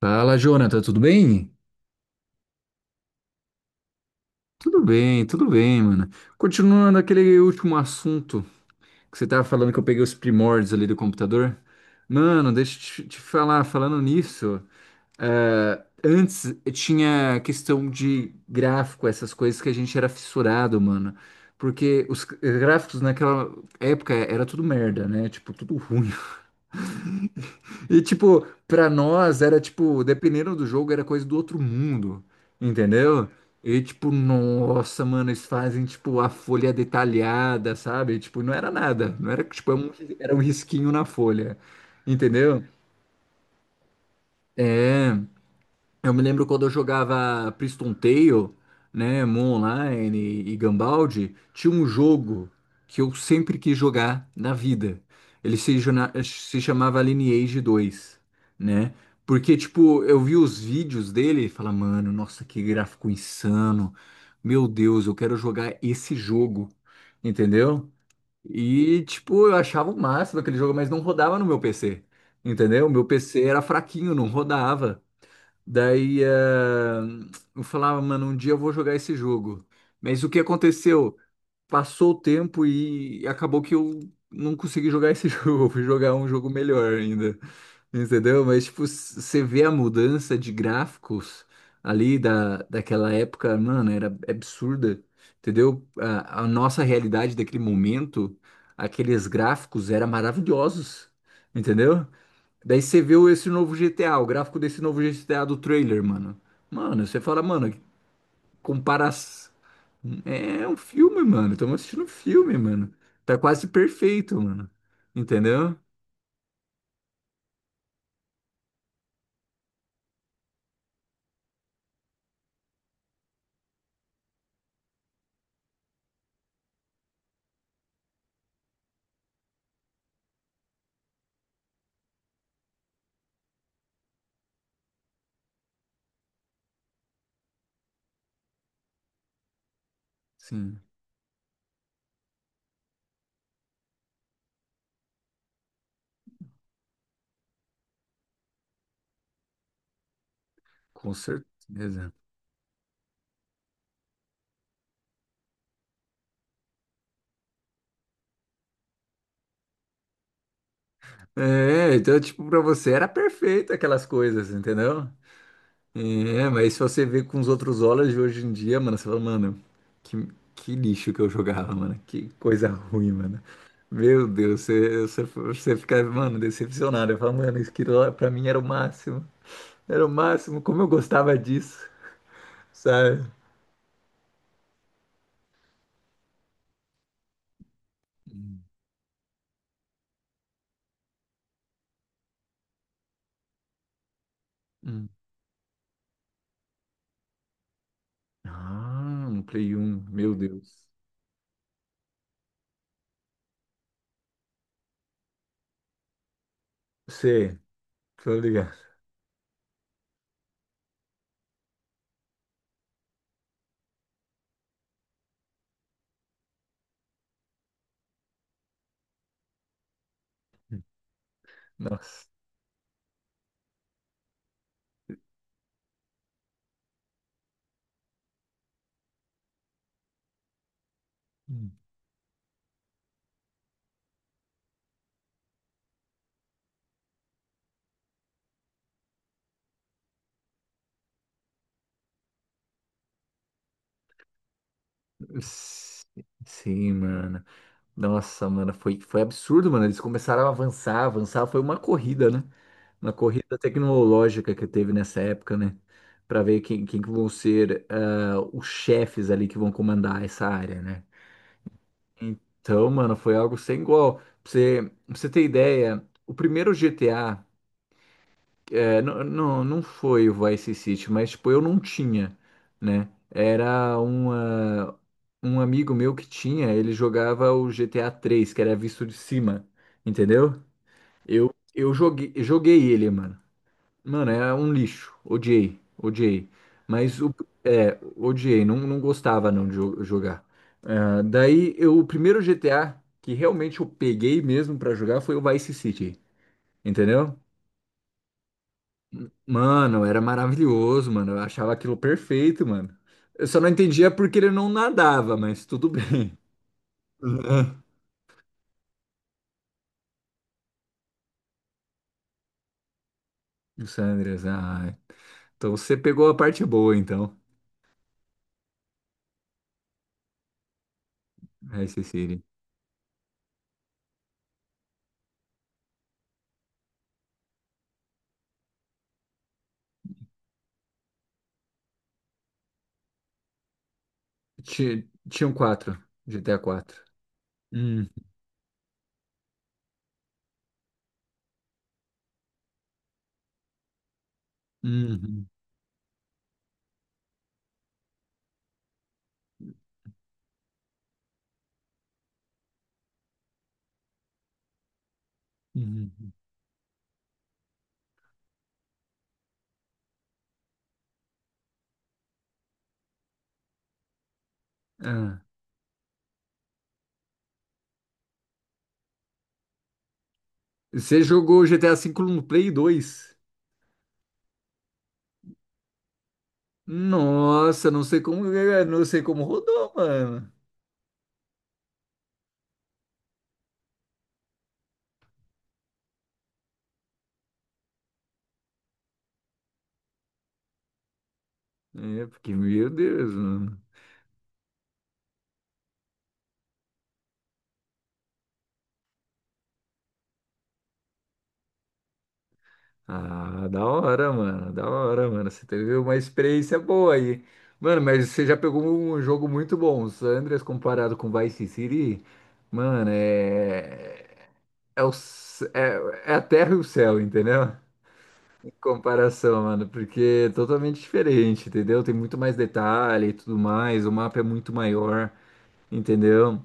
Fala, Jonathan, tudo bem? Tudo bem, tudo bem, mano. Continuando aquele último assunto que você tava falando que eu peguei os primórdios ali do computador. Mano, deixa eu te falar, falando nisso, antes tinha questão de gráfico, essas coisas que a gente era fissurado, mano. Porque os gráficos naquela época era tudo merda, né? Tipo, tudo ruim. E, tipo, pra nós era tipo, dependendo do jogo, era coisa do outro mundo, entendeu? E, tipo, nossa, mano, eles fazem, tipo, a folha detalhada, sabe? Tipo, não era nada, não era, tipo, é um- era um risquinho na folha, entendeu? Eu me lembro quando eu jogava Priston Tale, né, Moon Online e Gambaldi, tinha um jogo que eu sempre quis jogar na vida. Ele se, jona- Se chamava Lineage dois, né? Porque, tipo, eu vi os vídeos dele e falava, mano, nossa, que gráfico insano. Meu Deus, eu quero jogar esse jogo, entendeu? E, tipo, eu achava o máximo aquele jogo, mas não rodava no meu PC, entendeu? Meu PC era fraquinho, não rodava. Daí eu falava, mano, um dia eu vou jogar esse jogo. Mas o que aconteceu? Passou o tempo e acabou que eu não consegui jogar esse jogo. Eu fui jogar um jogo melhor ainda, entendeu? Mas, tipo, você vê a mudança de gráficos ali daquela época, mano, era absurda, entendeu? A nossa realidade daquele momento, aqueles gráficos eram maravilhosos, entendeu? Daí esse novo G T A, o gráfico desse novo G T A do trailer, mano. Mano, você fala, mano, compara. É um filme, mano. Estamos assistindo um filme, mano. Tá quase perfeito, mano. Entendeu? Sim, com certeza. É, então, tipo, pra você era perfeito aquelas coisas, entendeu? É, mas se você vê com os outros olhos de hoje em dia, mano, você fala, mano, que, que lixo que eu jogava, mano. Que coisa ruim, mano. Meu Deus, você fica, mano, decepcionado. Eu falo, mano, isso aqui lá pra mim era o máximo. Era o máximo, como eu gostava disso, sabe? Hum. Hum. Ah, um Play um, meu Deus. Sei, tô ligado. Nossa. Hum. S- Sim, mano. Nossa, mano, foi absurdo, mano. Eles começaram a avançar, avançar. Foi uma corrida, né? Uma corrida tecnológica que teve nessa época, né? Pra ver quem, quem que vão ser os chefes ali que vão comandar essa área, né? Então, mano, foi algo sem igual. Pra você ter ideia, o primeiro GTA. É, não foi o Vice City, mas tipo, eu não tinha, né? Um amigo meu que tinha, ele jogava o GTA 3, que era visto de cima, entendeu? Eu joguei ele, mano. Mano, é um lixo. Odiei, odiei. Mas o, não, não gostava não de jo- jogar. Ah, o primeiro GTA que realmente eu peguei mesmo pra jogar foi o Vice City, entendeu? Mano, era maravilhoso, mano. Eu achava aquilo perfeito, mano. Eu só não entendia porque ele não nadava, mas tudo bem. O Sanders, ah. Então você pegou a parte boa, então. Vice City. Tinham quatro, GTA 4. Hum, uhum, uhum. Ah. Você jogou GTA V no Play 2? Nossa, não sei como, não sei como rodou, mano. É, porque, meu Deus, mano. Ah, da hora, mano. Da hora, mano. Você teve uma experiência boa aí. Mano, mas você já pegou um jogo muito bom. O San Andreas comparado com Vice City, mano, é. É, é a terra e o céu, entendeu? Em comparação, mano. Porque é totalmente diferente, entendeu? Tem muito mais detalhe e tudo mais. O mapa é muito maior, entendeu?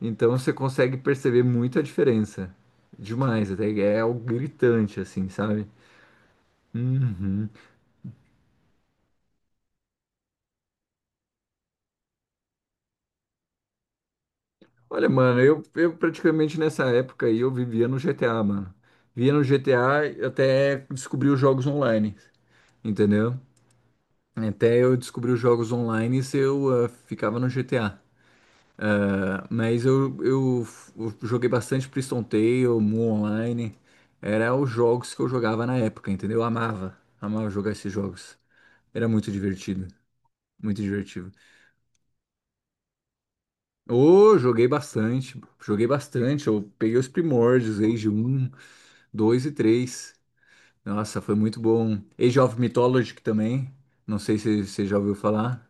Então você consegue perceber muito a diferença. Demais, até é algo gritante, assim, sabe? Uhum. Olha, mano, eu praticamente nessa época aí eu vivia no GTA, mano. Vivia no GTA e até descobri os jogos online, entendeu? Até eu descobri os jogos online e eu ficava no GTA. Ah, mas eu joguei bastante Priston Tale, Mu Online. Era os jogos que eu jogava na época, entendeu? Amava jogar esses jogos. Era muito divertido, muito divertido. Ô, joguei bastante, joguei bastante. Eu peguei os primórdios, Age um, dois e três. Nossa, foi muito bom. Age of Mythology também. Não sei se você já ouviu falar.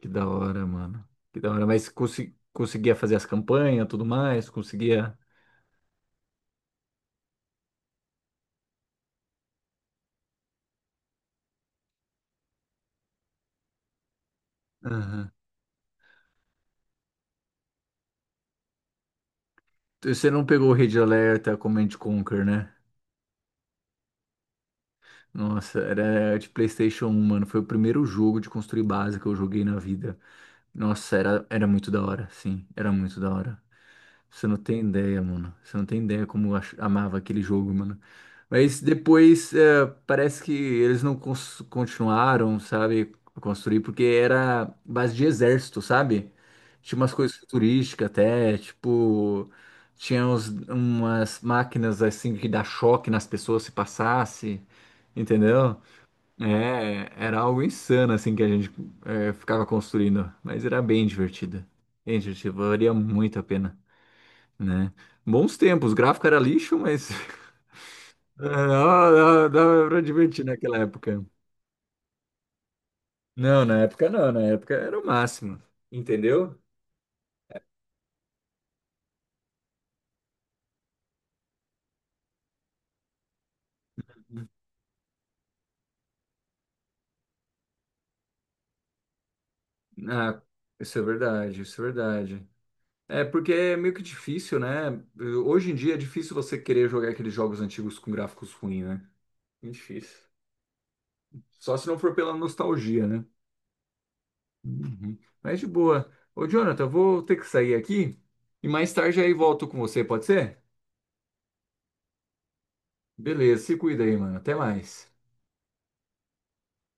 Que da hora, mano. Que da hora. Mas conseguia fazer as campanhas, tudo mais, conseguia. Aham. Você não pegou o Red Alert, a Command and Conquer, né? Nossa, era de PlayStation um, mano. Foi o primeiro jogo de construir base que eu joguei na vida. Nossa, era muito da hora, sim. Era muito da hora. Você não tem ideia, mano. Você não tem ideia como amava aquele jogo, mano. Mas depois é, parece que eles não continuaram, sabe, a construir, porque era base de exército, sabe? Tinha umas coisas futurísticas até, tipo, umas máquinas assim que dá choque nas pessoas se passasse, entendeu? É, era algo insano assim que a gente ficava construindo, mas era bem divertido. Bem divertido, valia muito a pena, né? Bons tempos, o gráfico era lixo, mas é, dava pra divertir naquela época. Não, na época não, na época era o máximo, entendeu? Ah, isso é verdade, isso é verdade. É porque é meio que difícil, né? Hoje em dia é difícil você querer jogar aqueles jogos antigos com gráficos ruins, né? Muito difícil. Só se não for pela nostalgia, né? Uhum. Mas de boa. Ô, Jonathan, eu vou ter que sair aqui e mais tarde aí volto com você, pode ser? Beleza, se cuida aí, mano. Até mais.